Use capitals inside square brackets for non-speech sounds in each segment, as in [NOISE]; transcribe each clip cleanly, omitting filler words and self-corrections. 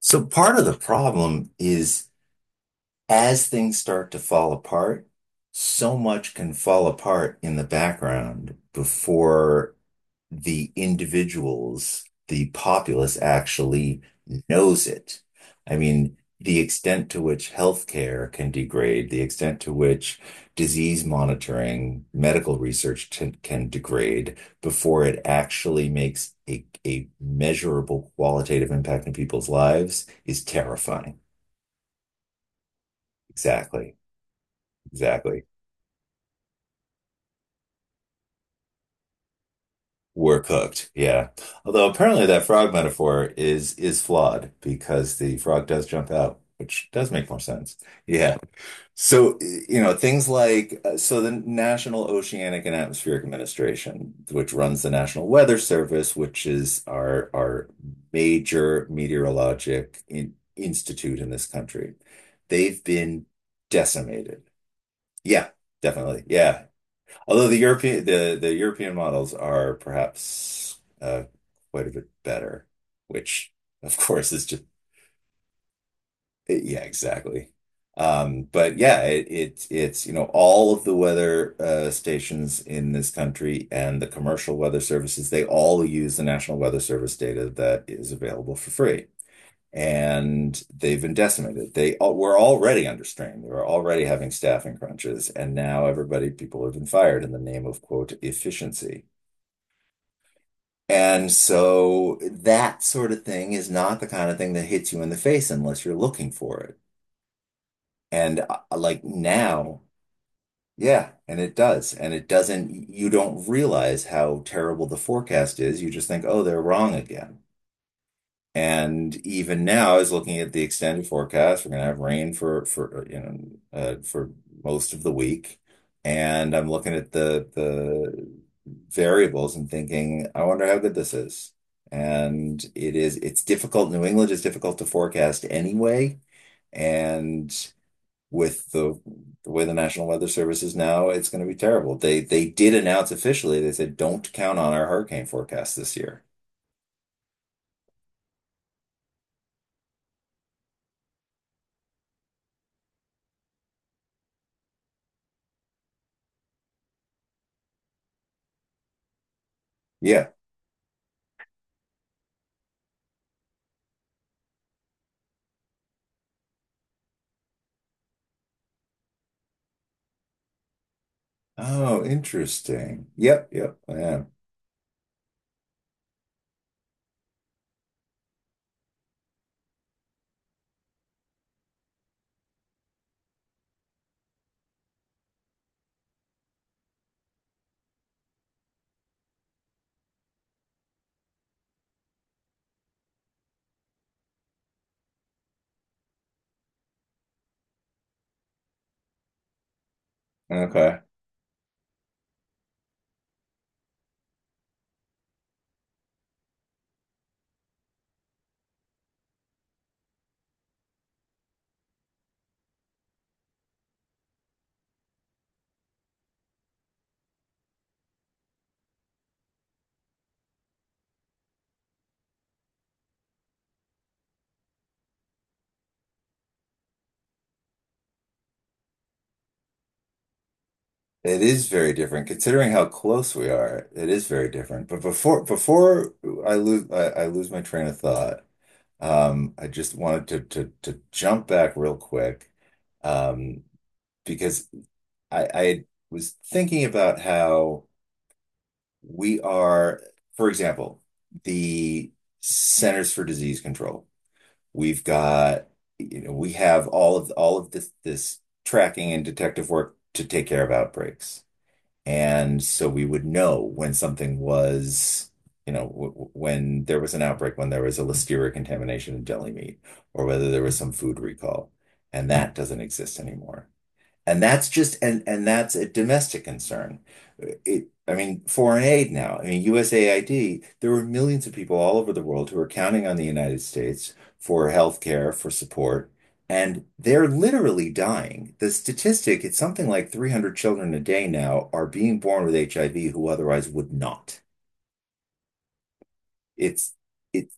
So part of the problem is as things start to fall apart, so much can fall apart in the background before the individuals, the populace actually knows it. I mean, the extent to which healthcare can degrade, the extent to which disease monitoring, medical research can degrade before it actually makes a measurable qualitative impact in people's lives is terrifying. Exactly. Exactly. We're cooked, yeah. Although apparently that frog metaphor is flawed because the frog does jump out, which does make more sense. Yeah. So, things like so the National Oceanic and Atmospheric Administration, which runs the National Weather Service, which is our major institute in this country, they've been decimated. Yeah, definitely. Yeah. Although the European models are perhaps quite a bit better, which of course is just yeah, exactly. But yeah, it's all of the weather stations in this country and the commercial weather services they all use the National Weather Service data that is available for free. And they've been decimated. They all, were already under strain. They were already having staffing crunches, and now everybody, people have been fired in the name of quote efficiency. And so that sort of thing is not the kind of thing that hits you in the face unless you're looking for it. And like now, yeah, and it does. And it doesn't, you don't realize how terrible the forecast is. You just think, oh, they're wrong again. And even now, I was looking at the extended forecast. We're gonna have rain for you know for most of the week, and I'm looking at the variables and thinking, I wonder how good this is. And it is it's difficult. New England is difficult to forecast anyway, and with the way the National Weather Service is now, it's going to be terrible. They did announce officially. They said, don't count on our hurricane forecast this year. Yeah. Oh, interesting. Yep, yep, I am. Okay. It is very different considering how close we are. It is very different. But before I lose my train of thought, I just wanted to to jump back real quick, um, because I was thinking about how we are, for example, the Centers for Disease Control. We've got, you know, we have all of this tracking and detective work to take care of outbreaks. And so we would know when something was, you know, when there was an outbreak, when there was a listeria contamination in deli meat, or whether there was some food recall. And that doesn't exist anymore. And that's a domestic concern. I mean, foreign aid now. I mean, USAID, there were millions of people all over the world who are counting on the United States for healthcare, for support, and they're literally dying. The statistic, it's something like 300 children a day now are being born with HIV who otherwise would not. It's it,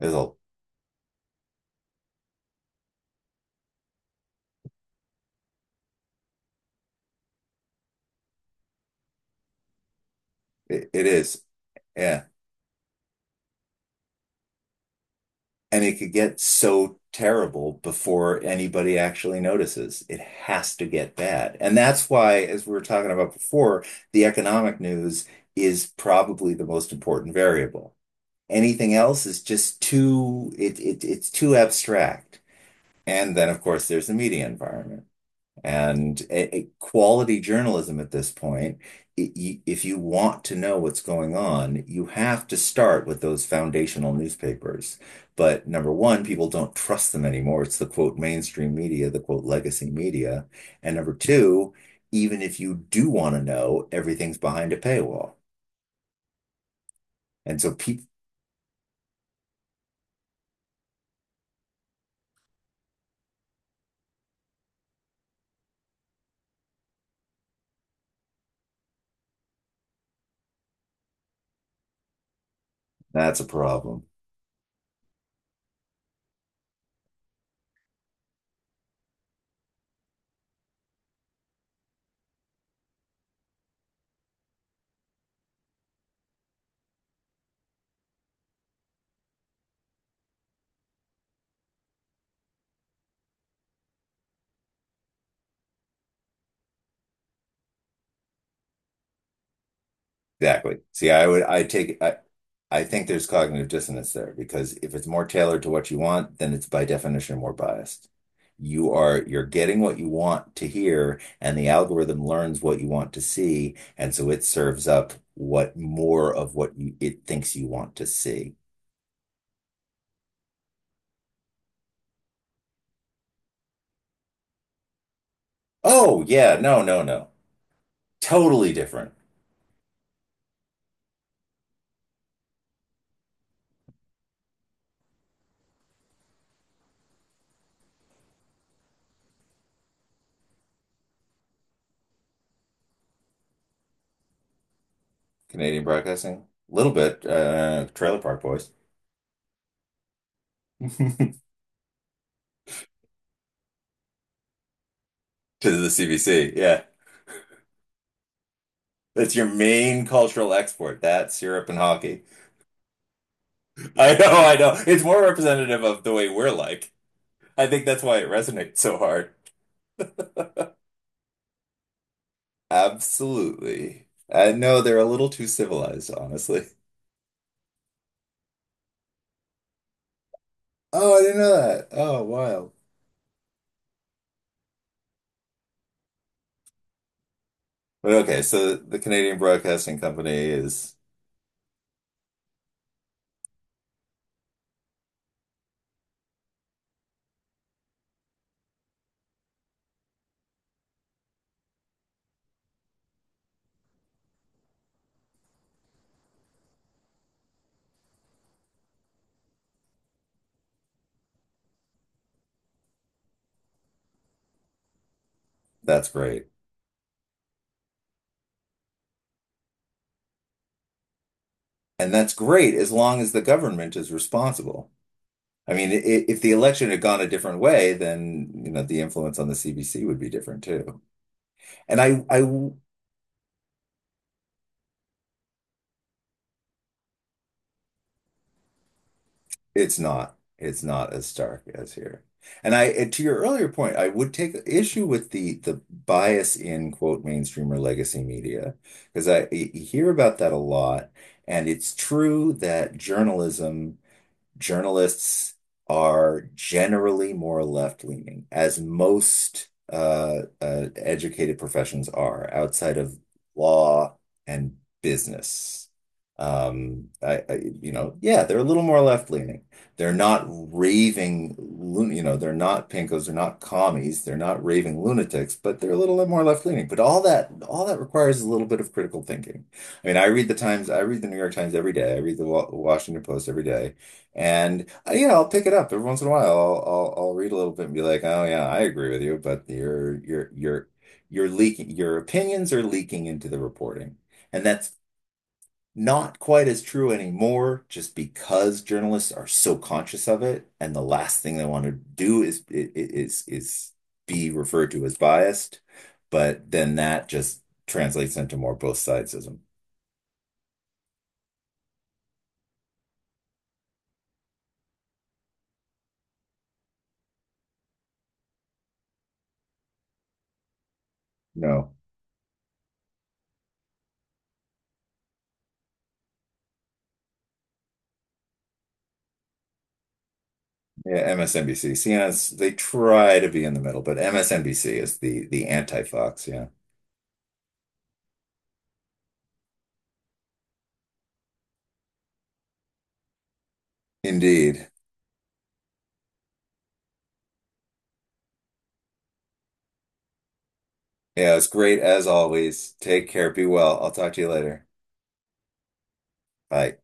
it'll- it is. Yeah. And it could get so terrible before anybody actually notices. It has to get bad. And that's why, as we were talking about before, the economic news is probably the most important variable. Anything else is just it's too abstract. And then, of course, there's the media environment. A quality journalism at this point, if you want to know what's going on, you have to start with those foundational newspapers. But number one, people don't trust them anymore. It's the quote mainstream media, the quote legacy media. And number two, even if you do want to know, everything's behind a paywall. And so people, that's a problem. Exactly. See, I would, I take, I think there's cognitive dissonance there because if it's more tailored to what you want, then it's by definition more biased. You're getting what you want to hear, and the algorithm learns what you want to see, and so it serves up what more of what it thinks you want to see. Oh, yeah, no, no, no. Totally different. Canadian broadcasting, a little bit, Trailer Park Boys [LAUGHS] to the CBC. Yeah. That's your main cultural export, that's Europe and hockey. I know, I know. It's more representative of the way we're like. I think that's why it resonates so hard. Absolutely. I know they're a little too civilized, honestly. Oh, I didn't know that. Oh, wild. But okay, so the Canadian Broadcasting Company is that's great. And that's great as long as the government is responsible. I mean, if the election had gone a different way, then, you know, the influence on the CBC would be different too. And I It's not. It's not as stark as here. And I, and to your earlier point, I would take issue with the bias in quote mainstream or legacy media because I hear about that a lot, and it's true that journalism journalists are generally more left-leaning, as most educated professions are outside of law and business. You know, yeah, they're a little more left-leaning. They're not raving, lun- you know, they're not pinkos, they're not commies, they're not raving lunatics, but they're a little more left-leaning. But all that requires a little bit of critical thinking. I mean, I read the Times, I read the New York Times every day, I read the Washington Post every day. And you know, I'll pick it up every once in a while. I'll read a little bit and be like, "Oh yeah, I agree with you," but you're leaking. Your opinions are leaking into the reporting, and that's not quite as true anymore. Just because journalists are so conscious of it, and the last thing they want to do is is be referred to as biased. But then that just translates into more both sidesism. No. Yeah, MSNBC. CNN's they try to be in the middle, but MSNBC is the anti-Fox, yeah. Indeed. Yeah, it's great as always. Take care, be well. I'll talk to you later. Bye.